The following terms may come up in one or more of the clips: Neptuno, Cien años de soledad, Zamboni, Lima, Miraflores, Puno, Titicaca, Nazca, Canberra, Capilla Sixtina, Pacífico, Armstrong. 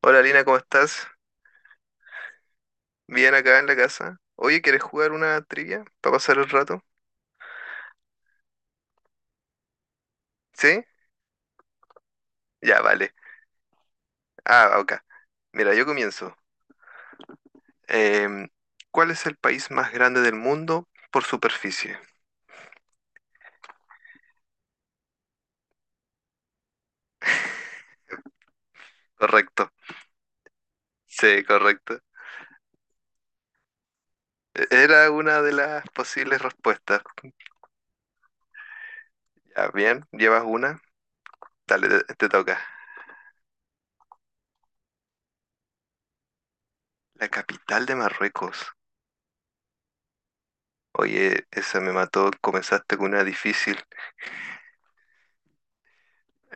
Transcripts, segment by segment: Hola Lina, ¿cómo estás? Bien acá en la casa. Oye, ¿quieres jugar una trivia para pasar el rato? ¿Sí? Ya, vale. Ah, ok. Mira, yo comienzo. Em, ¿Cuál es el país más grande del mundo por superficie? Correcto. Sí, correcto. Era una de las posibles respuestas. Ya, bien, llevas una. Dale, te toca. La capital de Marruecos. Oye, esa me mató. Comenzaste con una difícil.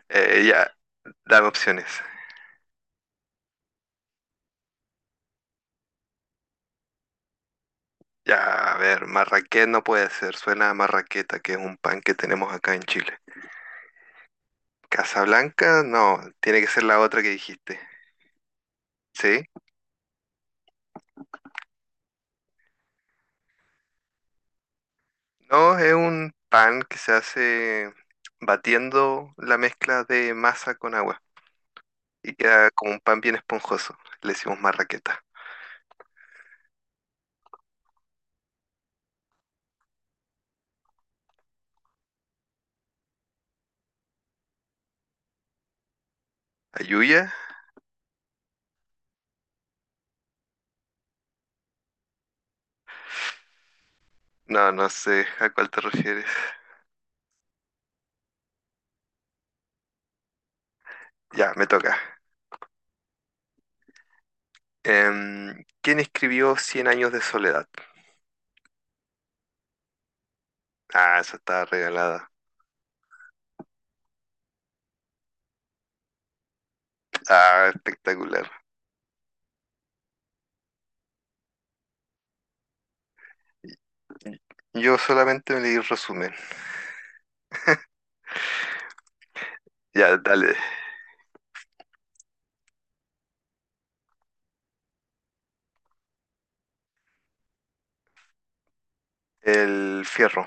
Ya, dame opciones. Ya, a ver, marraqués no puede ser, suena a marraqueta, que es un pan que tenemos acá en Chile. Casablanca, no, tiene que ser la otra que dijiste. ¿Sí? No, es un pan que se hace batiendo la mezcla de masa con agua y queda como un pan bien esponjoso. Le decimos marraqueta. ¿Ayuya? No, no sé a cuál te refieres. Ya, me toca. ¿Quién escribió Cien años de soledad? Ah, esa está regalada. Ah, espectacular. Yo solamente me leí el resumen. Ya, dale. El fierro.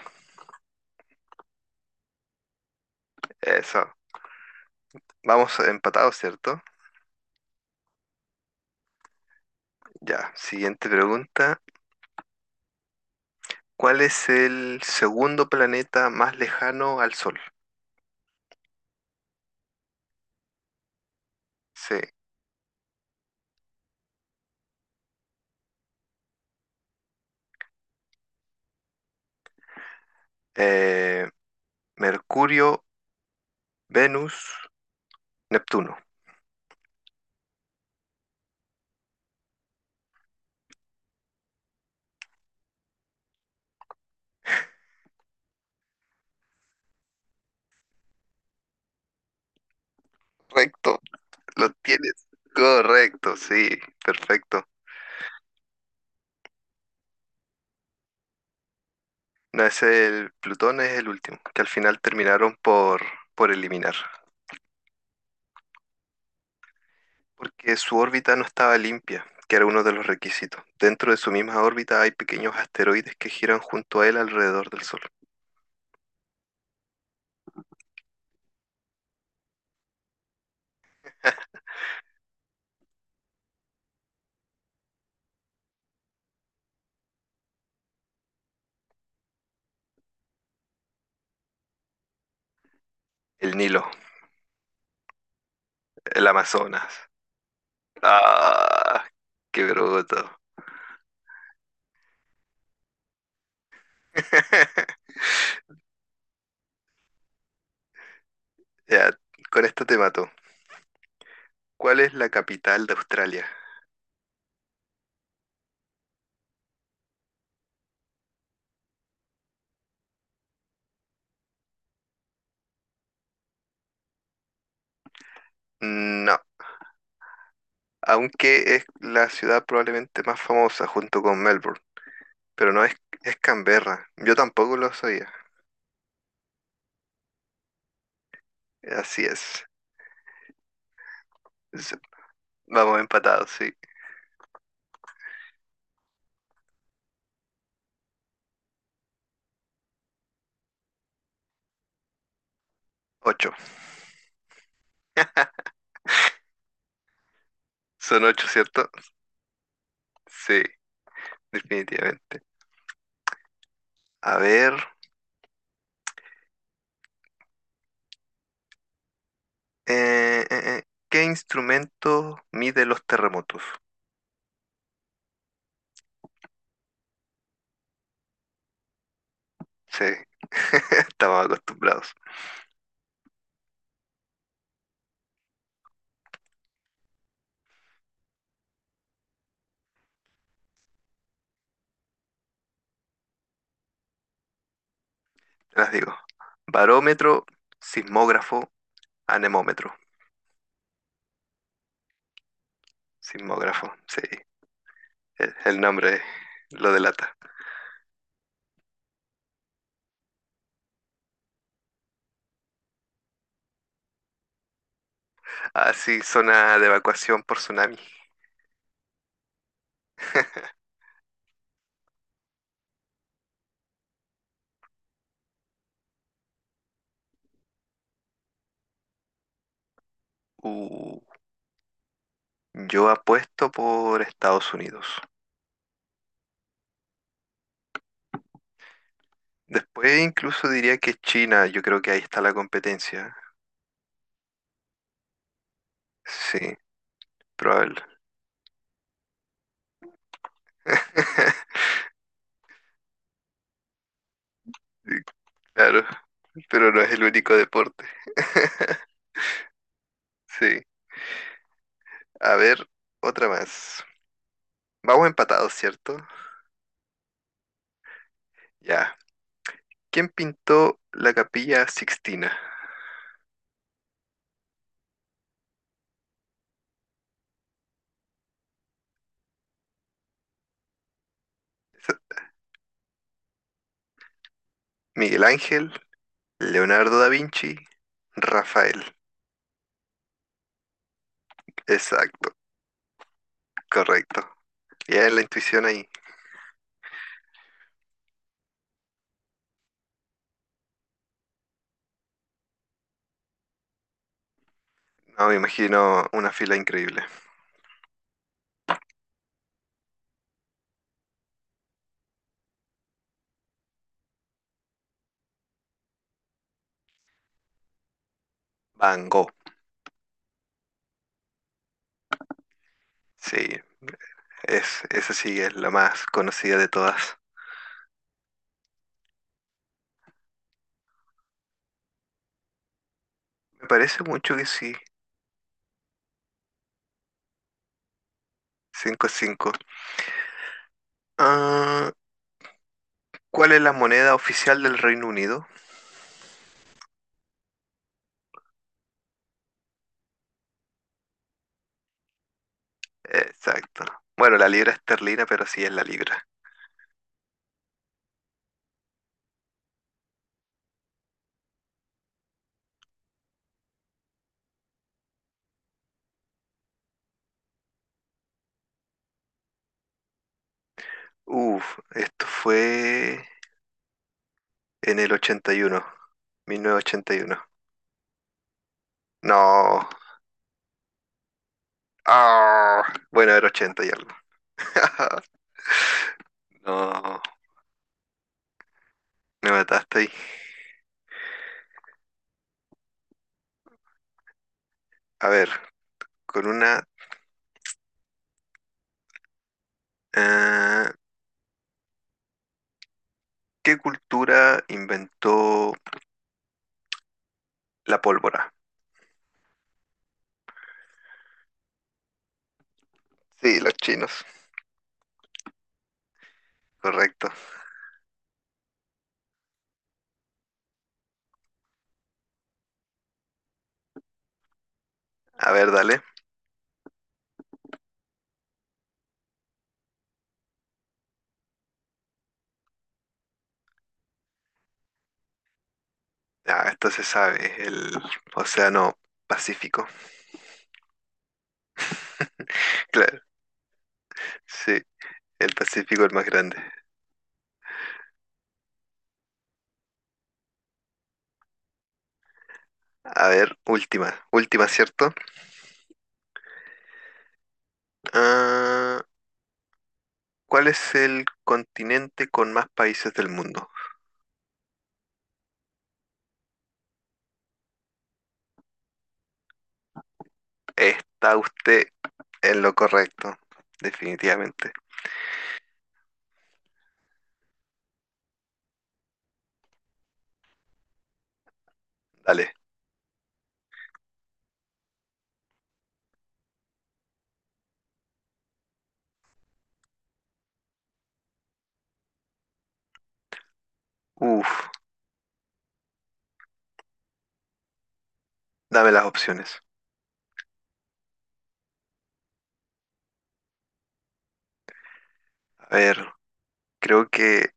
Eso. Vamos empatados, ¿cierto? Ya. Siguiente pregunta. ¿Cuál es el segundo planeta más lejano al Sol? Sí. Eh, Mercurio, Venus, Neptuno. Correcto. Lo tienes. Correcto, sí. Perfecto. No es el Plutón, es el último, que al final terminaron por eliminar. Porque su órbita no estaba limpia, que era uno de los requisitos. Dentro de su misma órbita hay pequeños asteroides que giran junto a él alrededor del Sol. El Nilo, el Amazonas. ¡Ah! ¡Qué bruto! Ya, con esto te mato. ¿Cuál es la capital de Australia? No, aunque es la ciudad probablemente más famosa junto con Melbourne, pero no es, es Canberra. Yo tampoco lo sabía. Así es. Es- Vamos empatados, sí. Ocho. Son ocho, ¿cierto? Sí, definitivamente. A ver, eh, eh, eh, ¿qué instrumento mide los terremotos? Sí, estamos acostumbrados. Te las digo. Barómetro, sismógrafo, anemómetro. Sismógrafo, sí. El nombre lo delata. Así, zona de evacuación por tsunami. Uh, yo apuesto por Estados Unidos. Después incluso diría que China, yo creo que ahí está la competencia. Sí, probable. Claro, pero no es el único deporte. Sí. A ver, otra más. Vamos empatados, ¿cierto? Ya. ¿Quién pintó la Capilla Sixtina? Esa- Miguel Ángel, Leonardo da Vinci, Rafael. Exacto, correcto. Ya es la intuición ahí. No, me imagino una fila increíble. Van Gogh. Sí, esa sí es la más conocida de todas. Me parece mucho que sí. 5-5. Ah, ¿cuál es la moneda oficial del Reino Unido? Exacto. Bueno, la libra esterlina, pero sí es la libra. Uf, esto fue en el ochenta y uno, 1981. No. Ah, bueno, era 80 y algo. No, me mataste ahí. A ver, con una... eh, ¿qué cultura inventó la pólvora? Sí, los chinos. Correcto. A ver, dale. Ah, entonces sabes, el Océano Pacífico. Claro, sí, el Pacífico el más grande. A ver, última, última, ¿cierto? Ah, ¿cuál es el continente con más países del mundo? Está usted en lo correcto, definitivamente. Dale. Uf, dame las opciones. A ver, creo que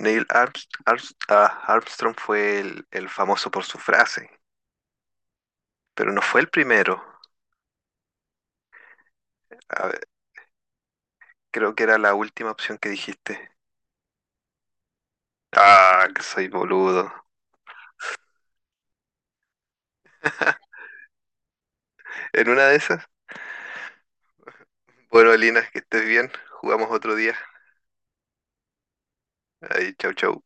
Neil Arms- Arms- ah, Armstrong fue el famoso por su frase, pero no fue el primero. A Creo que era la última opción que dijiste. Ah, que soy boludo. En una de esas. Bueno, Lina, que estés bien. Jugamos otro día. Ahí, chau, chau.